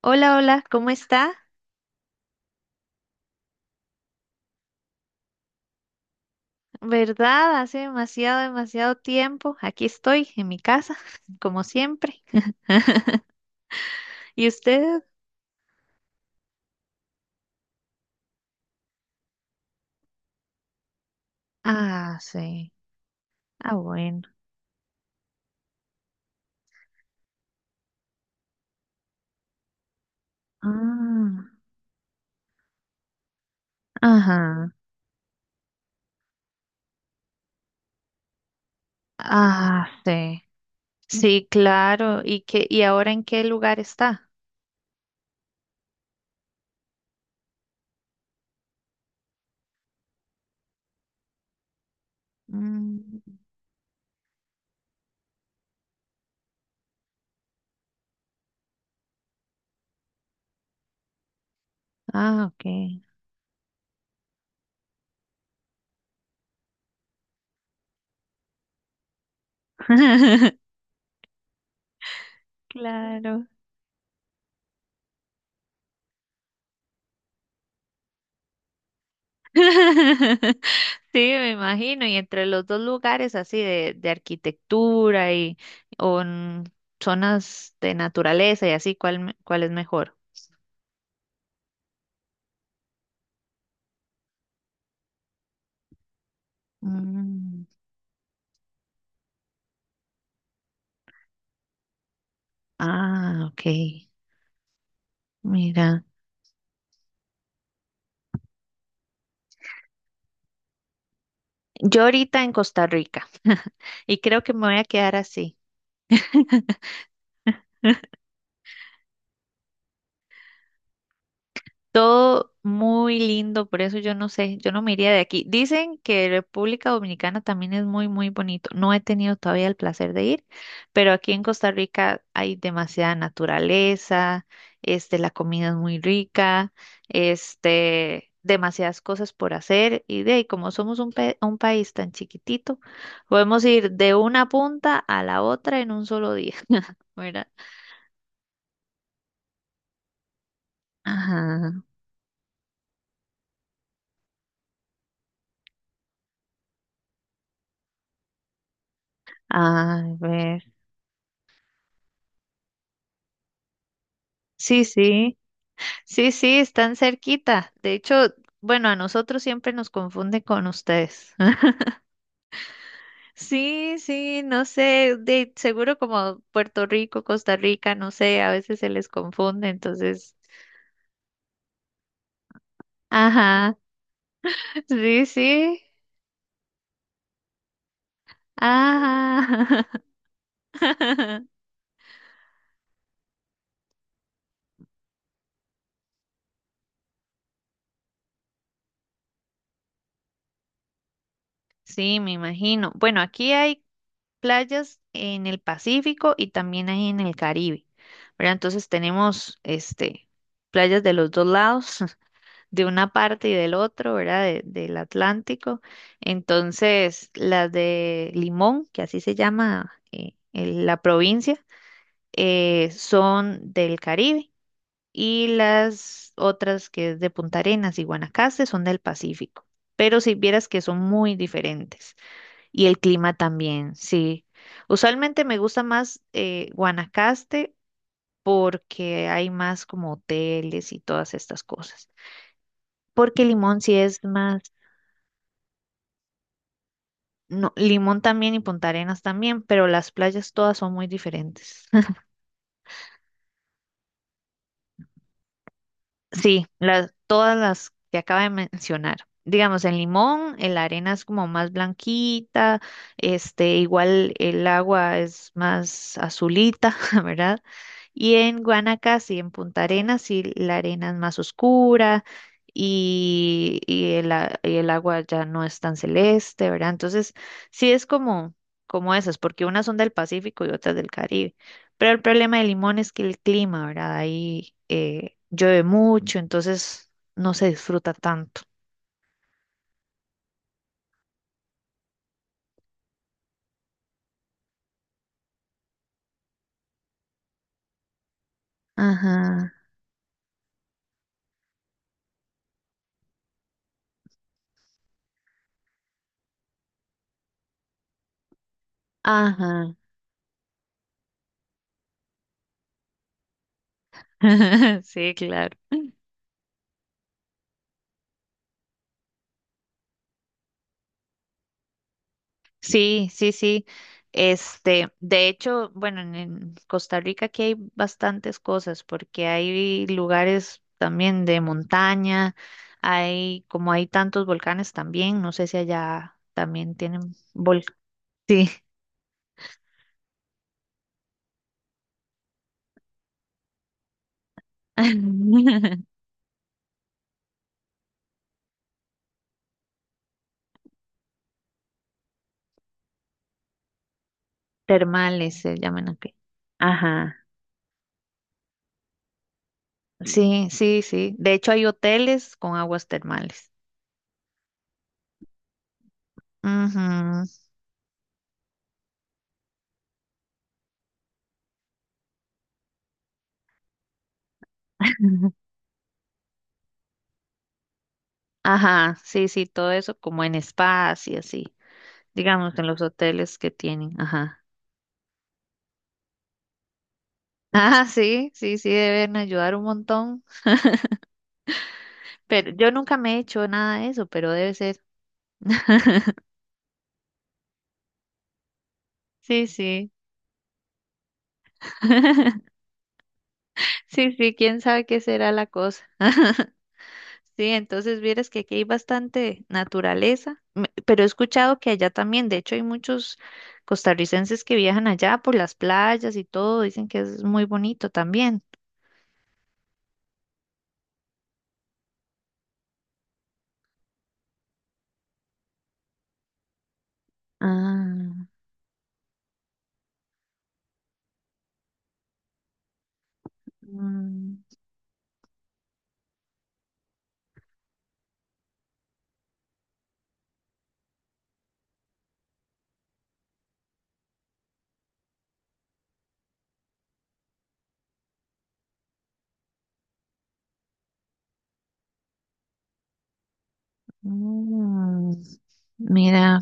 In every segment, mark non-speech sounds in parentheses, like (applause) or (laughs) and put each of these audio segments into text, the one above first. Hola, hola, ¿cómo está? ¿Verdad? Hace demasiado tiempo. Aquí estoy, en mi casa, (laughs) como siempre. ¿Y usted? Ah, sí. Ah, bueno. Ah, ajá. Ah, sí. Sí, claro. ¿Y qué, y ahora en qué lugar está? Mm, ah, ok. (laughs) Claro. (laughs) Sí, me imagino, y entre los dos lugares así de arquitectura y o en zonas de naturaleza y así, ¿cuál, cuál es mejor? Mm, ah, ok, mira, yo ahorita en Costa Rica (laughs) y creo que me voy a quedar así. Todo muy lindo, por eso yo no sé, yo no me iría de aquí. Dicen que República Dominicana también es muy, muy bonito. No he tenido todavía el placer de ir, pero aquí en Costa Rica hay demasiada naturaleza, este, la comida es muy rica, este, demasiadas cosas por hacer y de ahí, como somos un, un país tan chiquitito, podemos ir de una punta a la otra en un solo día, (laughs) ¿verdad? Ajá. A ver. Sí, sí. Sí, sí, están cerquita. De hecho, bueno, a nosotros siempre nos confunde con ustedes. (laughs) Sí, sí, no sé, de seguro como Puerto Rico, Costa Rica, no sé, a veces se les confunde, entonces, ajá, sí, sí, ajá. (laughs) Sí, me imagino. Bueno, aquí hay playas en el Pacífico y también hay en el Caribe, ¿verdad? Entonces tenemos, este, playas de los dos lados, de una parte y del otro, ¿verdad? Del Atlántico. Entonces, las de Limón, que así se llama la provincia, son del Caribe y las otras que es de Punta Arenas y Guanacaste son del Pacífico. Pero si vieras que son muy diferentes y el clima también, sí. Usualmente me gusta más Guanacaste porque hay más como hoteles y todas estas cosas porque Limón sí es más. No, Limón también y Punta Arenas también, pero las playas todas son muy diferentes. (laughs) Sí, las, todas las que acaba de mencionar. Digamos, en Limón, la arena es como más blanquita, este, igual el agua es más azulita, (laughs) ¿verdad? Y en Guanacaste y en Punta Arenas, sí, la arena es más oscura y el agua ya no es tan celeste, ¿verdad? Entonces, sí es como, como esas, porque unas son del Pacífico y otras del Caribe. Pero el problema de Limón es que el clima, ¿verdad? Ahí llueve mucho, entonces no se disfruta tanto. Ajá, ajá. (laughs) Sí, claro. Sí, sí, sí. Este, de hecho, bueno, en Costa Rica aquí hay bastantes cosas porque hay lugares también de montaña, hay como hay tantos volcanes también, no sé si allá también tienen volcanes. Sí. (laughs) Termales se llaman aquí. Ajá. Sí, sí, sí. De hecho, hay hoteles con aguas termales. Ujú. (laughs) Ajá, sí, sí, todo eso como en spas y así, digamos, en los hoteles que tienen. Ajá. (laughs) Ah, sí, sí, sí, deben ayudar un montón. Pero yo nunca me he hecho nada de eso, pero debe ser. Sí, sí. (laughs) Sí, sí, quién sabe qué será la cosa. (laughs) Sí, entonces vieras que aquí hay bastante naturaleza, pero he escuchado que allá también, de hecho hay muchos costarricenses que viajan allá por las playas y todo, dicen que es muy bonito también. Ah, mm, mm, mira,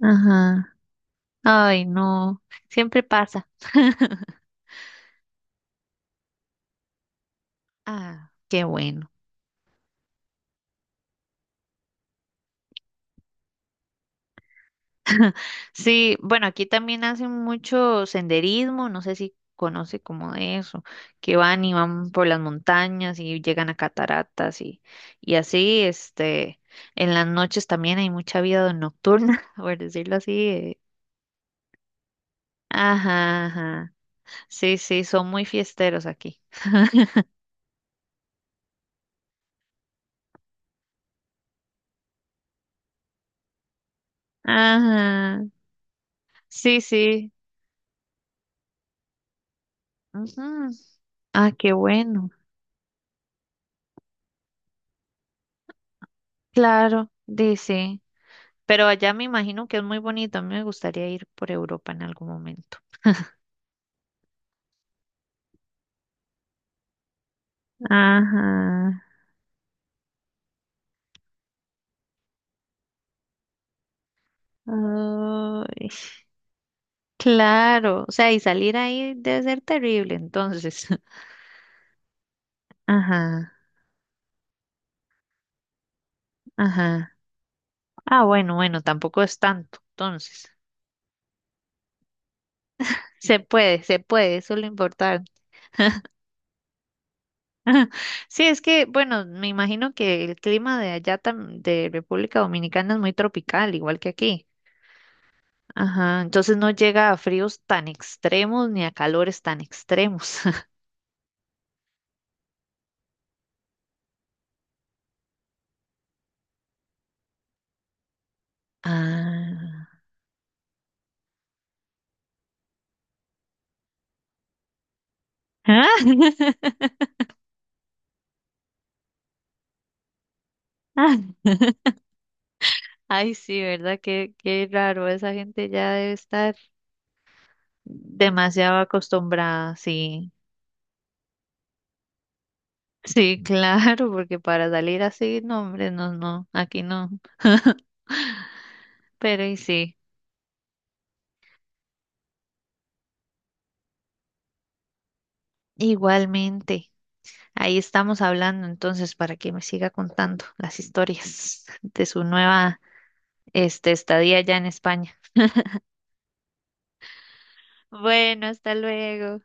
ajá. Ay, no, siempre pasa. Ah, qué bueno. Sí, bueno, aquí también hacen mucho senderismo, no sé si conoce como de eso, que van y van por las montañas y llegan a cataratas y así, este, en las noches también hay mucha vida nocturna, (laughs) por decirlo así. Ajá, ajá. Sí, sí, son muy fiesteros aquí. Ajá, sí, sí. Ujú. Ah, qué bueno. Claro, dice. Pero allá me imagino que es muy bonito. A mí me gustaría ir por Europa en algún momento. Ajá. Ay, claro. O sea, y salir ahí debe ser terrible, entonces. (laughs) Ajá, ajá. Ah, bueno, bueno, tampoco es tanto. Entonces, se puede, eso es lo importante. (laughs) Sí, es que, bueno, me imagino que el clima de allá, de República Dominicana, es muy tropical, igual que aquí. Ajá, entonces no llega a fríos tan extremos ni a calores tan extremos. (laughs) Ah. Ah, (laughs) Ah. Ay, sí, ¿verdad? Qué, qué raro, esa gente ya debe estar demasiado acostumbrada, sí. Sí, claro, porque para salir así, no, hombre, no, no, aquí no. Pero y sí, igualmente. Ahí estamos hablando entonces para que me siga contando las historias de su nueva, este, estadía allá en España. Bueno, hasta luego.